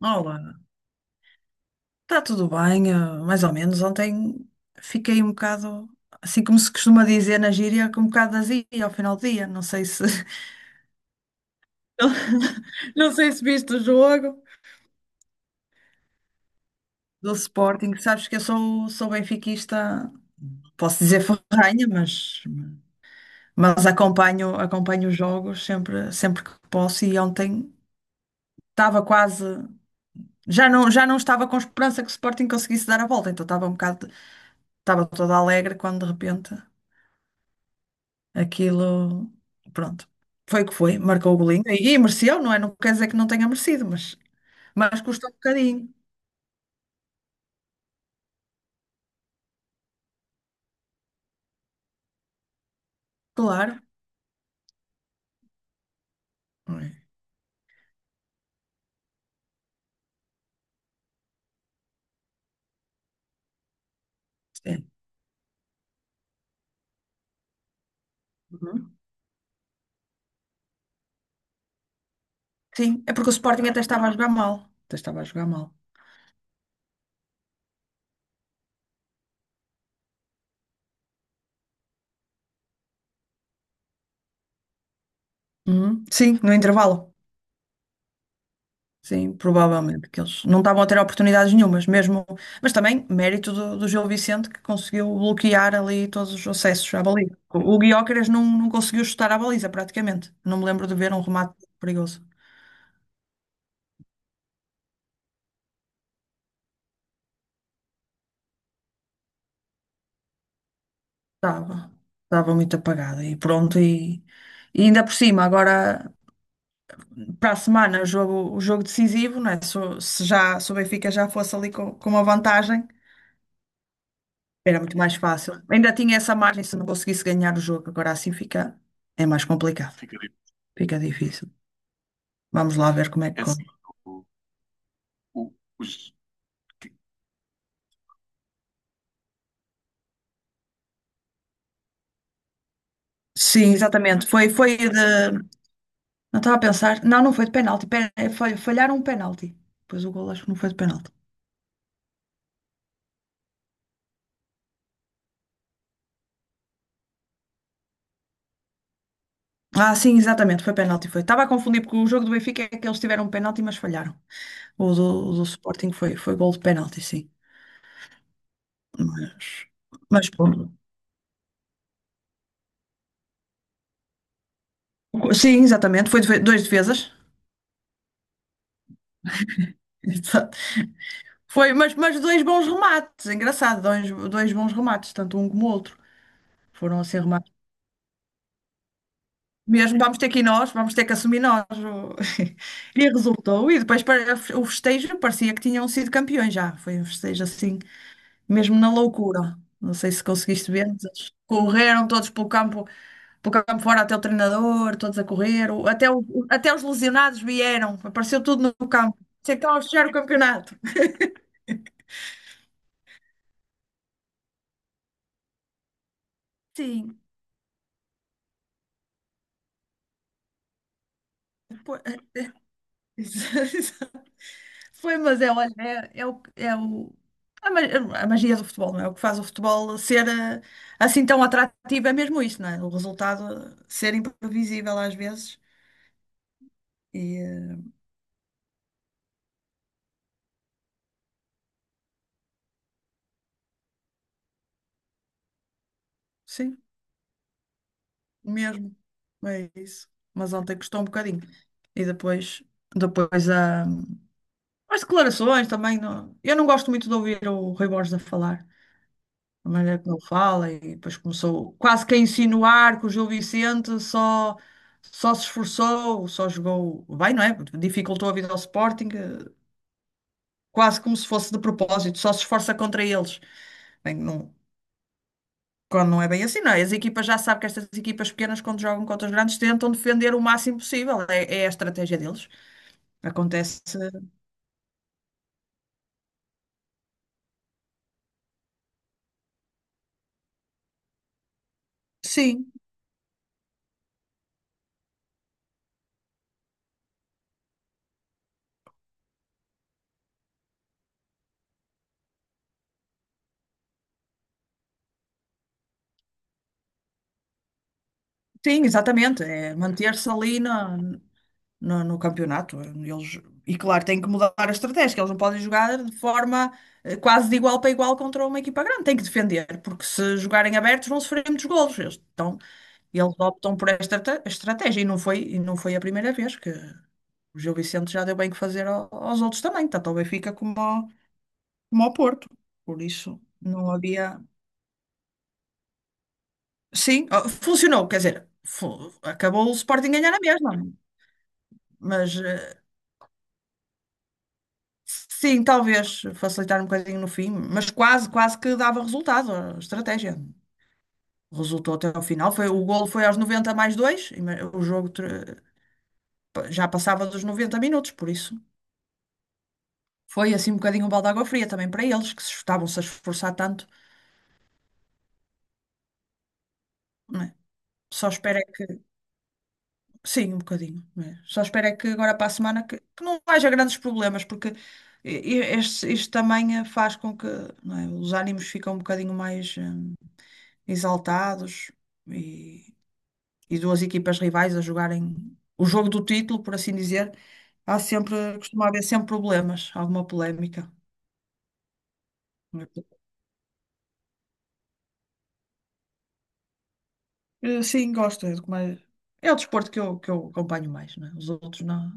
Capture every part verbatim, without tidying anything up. Olá, está tudo bem, eh, mais ou menos. Ontem fiquei um bocado, assim como se costuma dizer na gíria, com um bocado de azia ao final do dia. Não sei se, não sei se viste o jogo do Sporting. Sabes que eu sou, sou benfiquista, posso dizer ferrenha, mas, mas acompanho, acompanho os jogos sempre, sempre que posso. E ontem estava quase, já não, já não estava com esperança que o Sporting conseguisse dar a volta, então estava um bocado, estava toda alegre quando de repente. Aquilo, pronto, foi o que foi, marcou o golinho e, e mereceu, não é? Não quer dizer que não tenha merecido, mas, mas custou um bocadinho, claro. Não é? Sim. Uhum. Sim, é porque o Sporting até estava a jogar mal, até estava a jogar mal. Uhum. Sim, no intervalo. Sim, provavelmente, que eles não estavam a ter oportunidades nenhumas, mesmo, mas também mérito do, do Gil Vicente, que conseguiu bloquear ali todos os acessos à baliza. O o Guiócaras não, não conseguiu chutar à baliza praticamente. Não me lembro de ver um remate perigoso. Estava, estava muito apagada e pronto, e, e ainda por cima, agora para a semana jogo, o jogo decisivo, não é? Se, o- se já se o Benfica já fosse ali com, com uma vantagem, era muito mais fácil. Ainda tinha essa margem se não conseguisse ganhar o jogo. Agora assim fica, é mais complicado, difícil. Fica difícil. Vamos lá ver como é que corre. Assim, sim, exatamente. Foi, foi de. Não estava a pensar. Não, não foi de penalti. pe- Foi, falharam um penalti. Pois o gol acho que não foi de penalti. Ah, sim, exatamente, foi penalti, foi. Estava a confundir porque o jogo do Benfica é que eles tiveram um penalti, mas falharam. O do, o do Sporting foi, foi gol de penalti, sim. Mas, mas pronto. Sim, exatamente, foi de- dois defesas. Exato. Foi, mas, mas dois bons remates, engraçado, dois, dois bons remates, tanto um como o outro. Foram assim remates. Mesmo vamos ter que ir nós, vamos ter que assumir nós. o- E resultou. E depois para- o festejo parecia que tinham sido campeões já. Foi um festejo assim, mesmo na loucura. Não sei se conseguiste ver, mas eles correram todos pelo campo, pelo campo fora, até o treinador, todos a correr, o- até, o- até os lesionados vieram, apareceu tudo no campo. Sei que estava a fechar o campeonato. Sim. Pô, exato. Foi, mas é, olha, é, é o, é o a, ma- a magia do futebol, não é? O que faz o futebol ser eh, assim tão atrativo é mesmo isso, não é? O resultado, eh, ser imprevisível às vezes. E, eh, sim. Mesmo. É isso. Mas ontem custou um bocadinho. E depois, depois há as declarações também. Não... Eu não gosto muito de ouvir o Rui Borges a falar, a maneira como ele fala, e depois começou quase que a insinuar que o Gil Vicente só, só se esforçou, só jogou bem, não é? Dificultou a vida ao Sporting, eh, quase como se fosse de propósito, só se esforça contra eles. Bem, não, quando não é bem assim, não é? As equipas já sabem que estas equipas pequenas, quando jogam contra os grandes, tentam defender o máximo possível. É, é a estratégia deles. Acontece. Sim, sim, exatamente. É manter-se ali na- no, no campeonato. Eles, e claro, têm que mudar a estratégia, que eles não podem jogar de forma eh, quase de igual para igual contra uma equipa grande. Têm que defender, porque se jogarem abertos vão sofrer muitos golos. Eles estão e eles optam por esta tra- estratégia e não foi, e não foi a primeira vez que o Gil Vicente já deu bem que fazer ao- aos outros também, tanto ao Benfica como ao, como ao Porto. Por isso não havia. Sim, ó, funcionou, quer dizer, fu- acabou o Sporting ganhar na mesma, mas eh, sim, talvez facilitar um bocadinho no fim, mas quase, quase que dava resultado a estratégia. Resultou até ao final, foi, o golo foi aos noventa mais dois, o jogo tre- já passava dos noventa minutos, por isso. Foi assim um bocadinho um balde de água fria também para eles, que se estavam-se a esforçar tanto, não é? Só espero é que. Sim, um bocadinho, não é? Só espero é que agora para a semana que, que não haja grandes problemas, porque i- i- este, isto também eh, faz com que, não é, os ânimos ficam um bocadinho mais eh, exaltados e, e duas equipas rivais a jogarem o jogo do título, por assim dizer, há sempre, costuma haver sempre problemas, alguma polémica. Eh, Sim, gosto. É, do que mais- é o desporto que eu, que eu acompanho mais, né? Os outros não,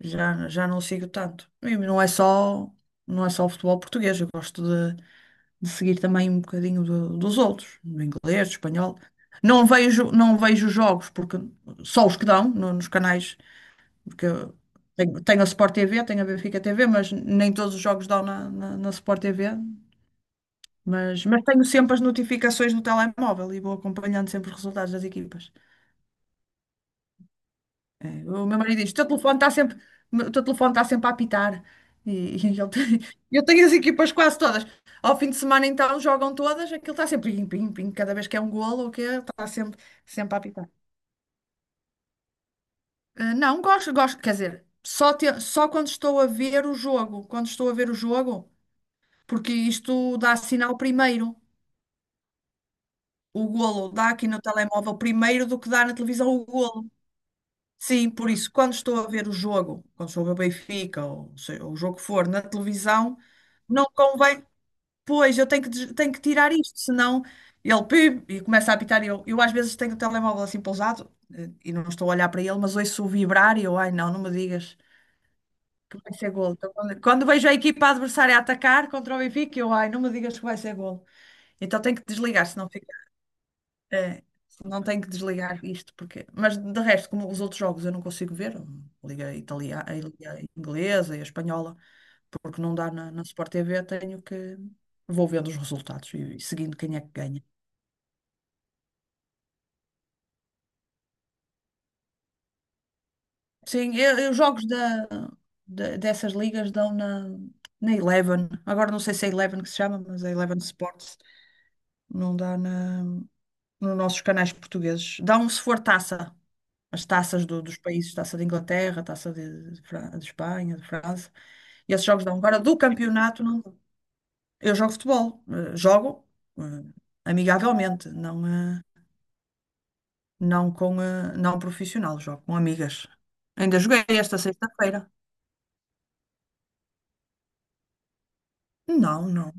já, já não sigo tanto. E não é só, não é só o futebol português, eu gosto de, de seguir também um bocadinho do- dos outros, do inglês, do espanhol. Não vejo, não vejo jogos, porque só os que dão no- nos canais, porque eu tenho, tenho a Sport T V, tenho a Benfica T V, mas nem todos os jogos dão na, na, na Sport T V. Mas, mas tenho sempre as notificações no telemóvel e vou acompanhando sempre os resultados das equipas. É, o meu marido diz: o teu telefone está sempre, o teu telefone está sempre a apitar. E, e ele tem- eu tenho as equipas quase todas. Ao fim de semana, então, jogam todas, aquilo está sempre pim, pim, pim. Cada vez que é um golo, o que é, está sempre, sempre a apitar. Eh, não, gosto, gosto, quer dizer, só, te- só quando estou a ver o jogo, quando estou a ver o jogo, porque isto dá sinal primeiro. O golo dá aqui no telemóvel primeiro do que dá na televisão o golo. Sim, por isso, quando estou a ver o jogo, quando estou a ver o Benfica, ou seja, o jogo que for, na televisão, não convém. Pois, eu tenho que, des- tenho que tirar isto, senão ele pib, e começa a apitar. E Eu, eu às vezes tenho o telemóvel assim pousado, eh, e não estou a olhar para ele, mas ouço o vibrar e eu, ai não, não me digas que vai ser golo. Então, quando, quando vejo a equipa adversária a atacar contra o Benfica, eu, ai, não me digas que vai ser golo. Então tenho que desligar, senão fica. É, não tenho que desligar isto, porque. Mas de resto, como os outros jogos eu não consigo ver, liga a italiana, a liga a inglesa e a espanhola, porque não dá na, na Sport T V, tenho que. Vou vendo os resultados e, e seguindo quem é que ganha. Sim, eu, eu- os jogos da, da- dessas ligas dão na, na Eleven. Agora não sei se é Eleven que se chama, mas é Eleven Sports. Não dá na, nos nossos canais portugueses. Dão se for taça, as taças do- dos países, taça de Inglaterra, taça de, de Fran- de Espanha, de França, e esses jogos dão. Agora, do campeonato, não dão. Eu jogo futebol, eh, jogo eh, amigavelmente, não, eh, não com eh, não profissional, jogo com amigas. Ainda joguei esta sexta-feira. Não, não,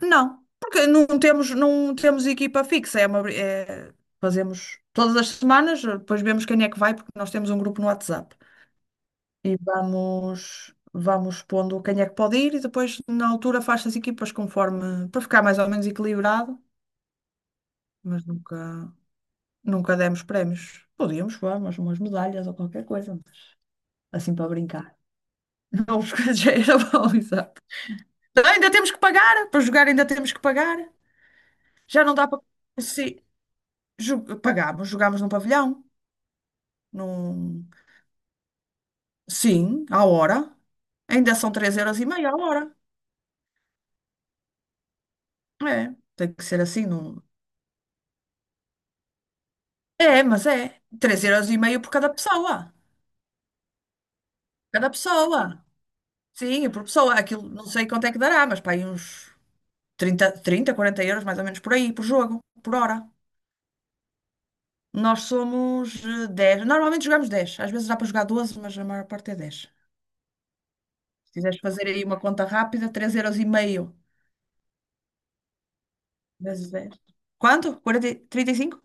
não, porque não temos, não temos equipa fixa, é uma, é- fazemos todas as semanas, eh, depois vemos quem é que vai, porque nós temos um grupo no WhatsApp, e vamos, vamos pondo quem é que pode ir e depois na altura faz-se as equipas conforme, para ficar mais ou menos equilibrado, mas nunca, nunca demos prémios. Podíamos, vamos, umas medalhas ou qualquer coisa, assim para brincar. Não, porque já era bom, exato. Ainda temos que pagar, para jogar ainda temos que pagar. Já não dá para. Sim, ju- pagámos, jogámos num pavilhão. Num... Sim, à hora. Ainda são três euros e meio à hora. É, tem que ser assim. Não... É, mas é três euros e meio por cada pessoa. Cada pessoa. Sim, por pessoa. Aquilo, não sei quanto é que dará, mas pá, aí uns trinta, trinta, quarenta euros mais ou menos por aí, por jogo, por hora. Nós somos eh, dez. Normalmente jogamos dez. Às vezes dá para jogar doze, mas a maior parte é dez. Se quiseres fazer aí uma conta rápida, três euros e meio vezes dez. Quanto? quarenta, e- trinta e cinco?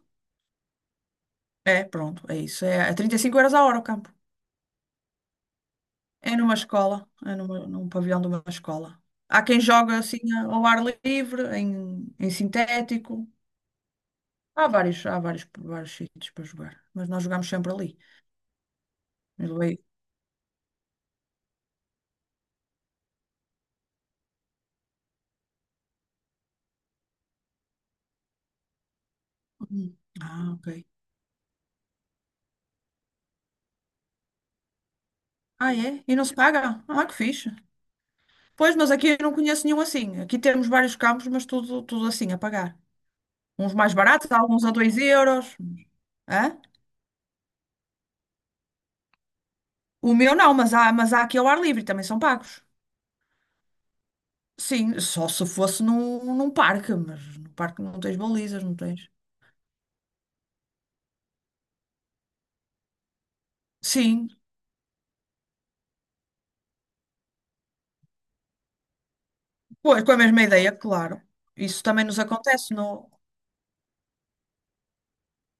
É, pronto, é isso. É é trinta e cinco euros a hora o campo. É numa escola, é numa- num pavilhão de uma escola. Há quem joga assim a- ao ar livre, em, em sintético. Há vários, há vários, vários sítios para jogar, mas nós jogamos sempre ali. Eu levei- uhum. Ah, ok. Ah, é? E não se paga? Ah, que fixe. Pois, mas aqui eu não conheço nenhum assim. Aqui temos vários campos, mas tudo, tudo assim, a pagar. Uns mais baratos, alguns a dois euros. Hã? O meu não, mas há, mas há aqui ao ar livre, também são pagos. Sim, só se fosse num, num parque, mas no parque não tens balizas, não tens. Sim, pois, com a mesma ideia, claro. Isso também nos acontece no,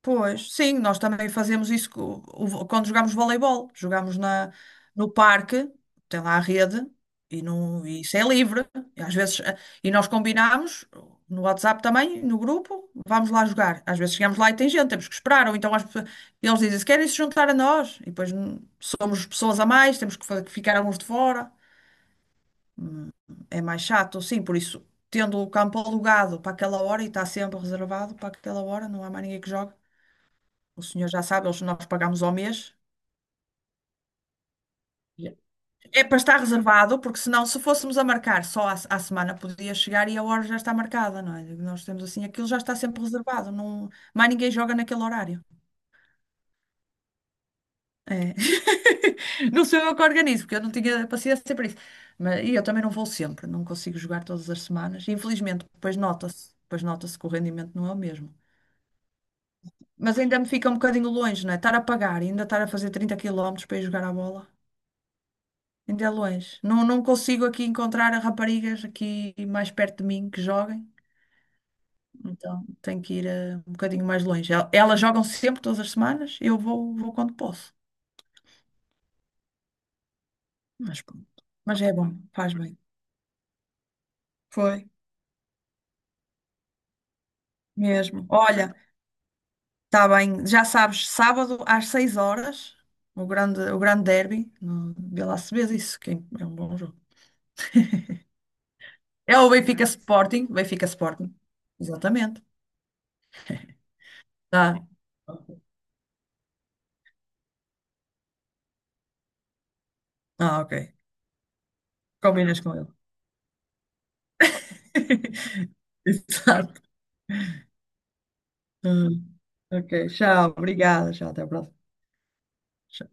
pois, sim, nós também fazemos isso co- o- quando jogamos voleibol. Jogamos na, no parque, tem lá a rede, e, não, e isso é livre. E às vezes, eh, e nós combinamos no WhatsApp também, no grupo, vamos lá jogar. Às vezes chegamos lá e tem gente, temos que esperar. Ou então as pe- eles dizem, se querem se juntar a nós, e depois hum, somos pessoas a mais, temos que fa- ficar alguns de fora. Hum. É mais chato, sim, por isso, tendo o campo alugado para aquela hora e está sempre reservado para aquela hora, não há mais ninguém que jogue. O senhor já sabe, eles, nós pagamos ao mês. É para estar reservado, porque senão, se fôssemos a marcar só à, à semana, podia chegar e a hora já está marcada, não é? Nós temos assim, aquilo já está sempre reservado, não, mais ninguém joga naquele horário. É. Não sou eu que organizo, porque eu não tinha paciência para isso. Mas, e eu também não vou sempre, não consigo jogar todas as semanas. Infelizmente, depois nota-se, depois nota-se que o rendimento não é o mesmo. Mas ainda me fica um bocadinho longe, não é? Estar a pagar e ainda estar a fazer trinta quilómetros para ir jogar à bola. Ainda é longe. Não, não consigo aqui encontrar raparigas aqui mais perto de mim que joguem. Então tenho que ir eh, um bocadinho mais longe. El- Elas jogam sempre, todas as semanas. Eu vou, vou quando posso. Mas pronto. Mas é bom, faz bem. Foi, mesmo. Olha, está bem. Já sabes, sábado às seis horas, o grande, o grande derby no Vila Acebes, isso que é um bom jogo. É o Benfica Sporting, Benfica Sporting. Exatamente. Tá. Ah, ok. Combinas com ele. Exato. Hum. Ok, tchau, obrigada, tchau, até a próxima. Tchau.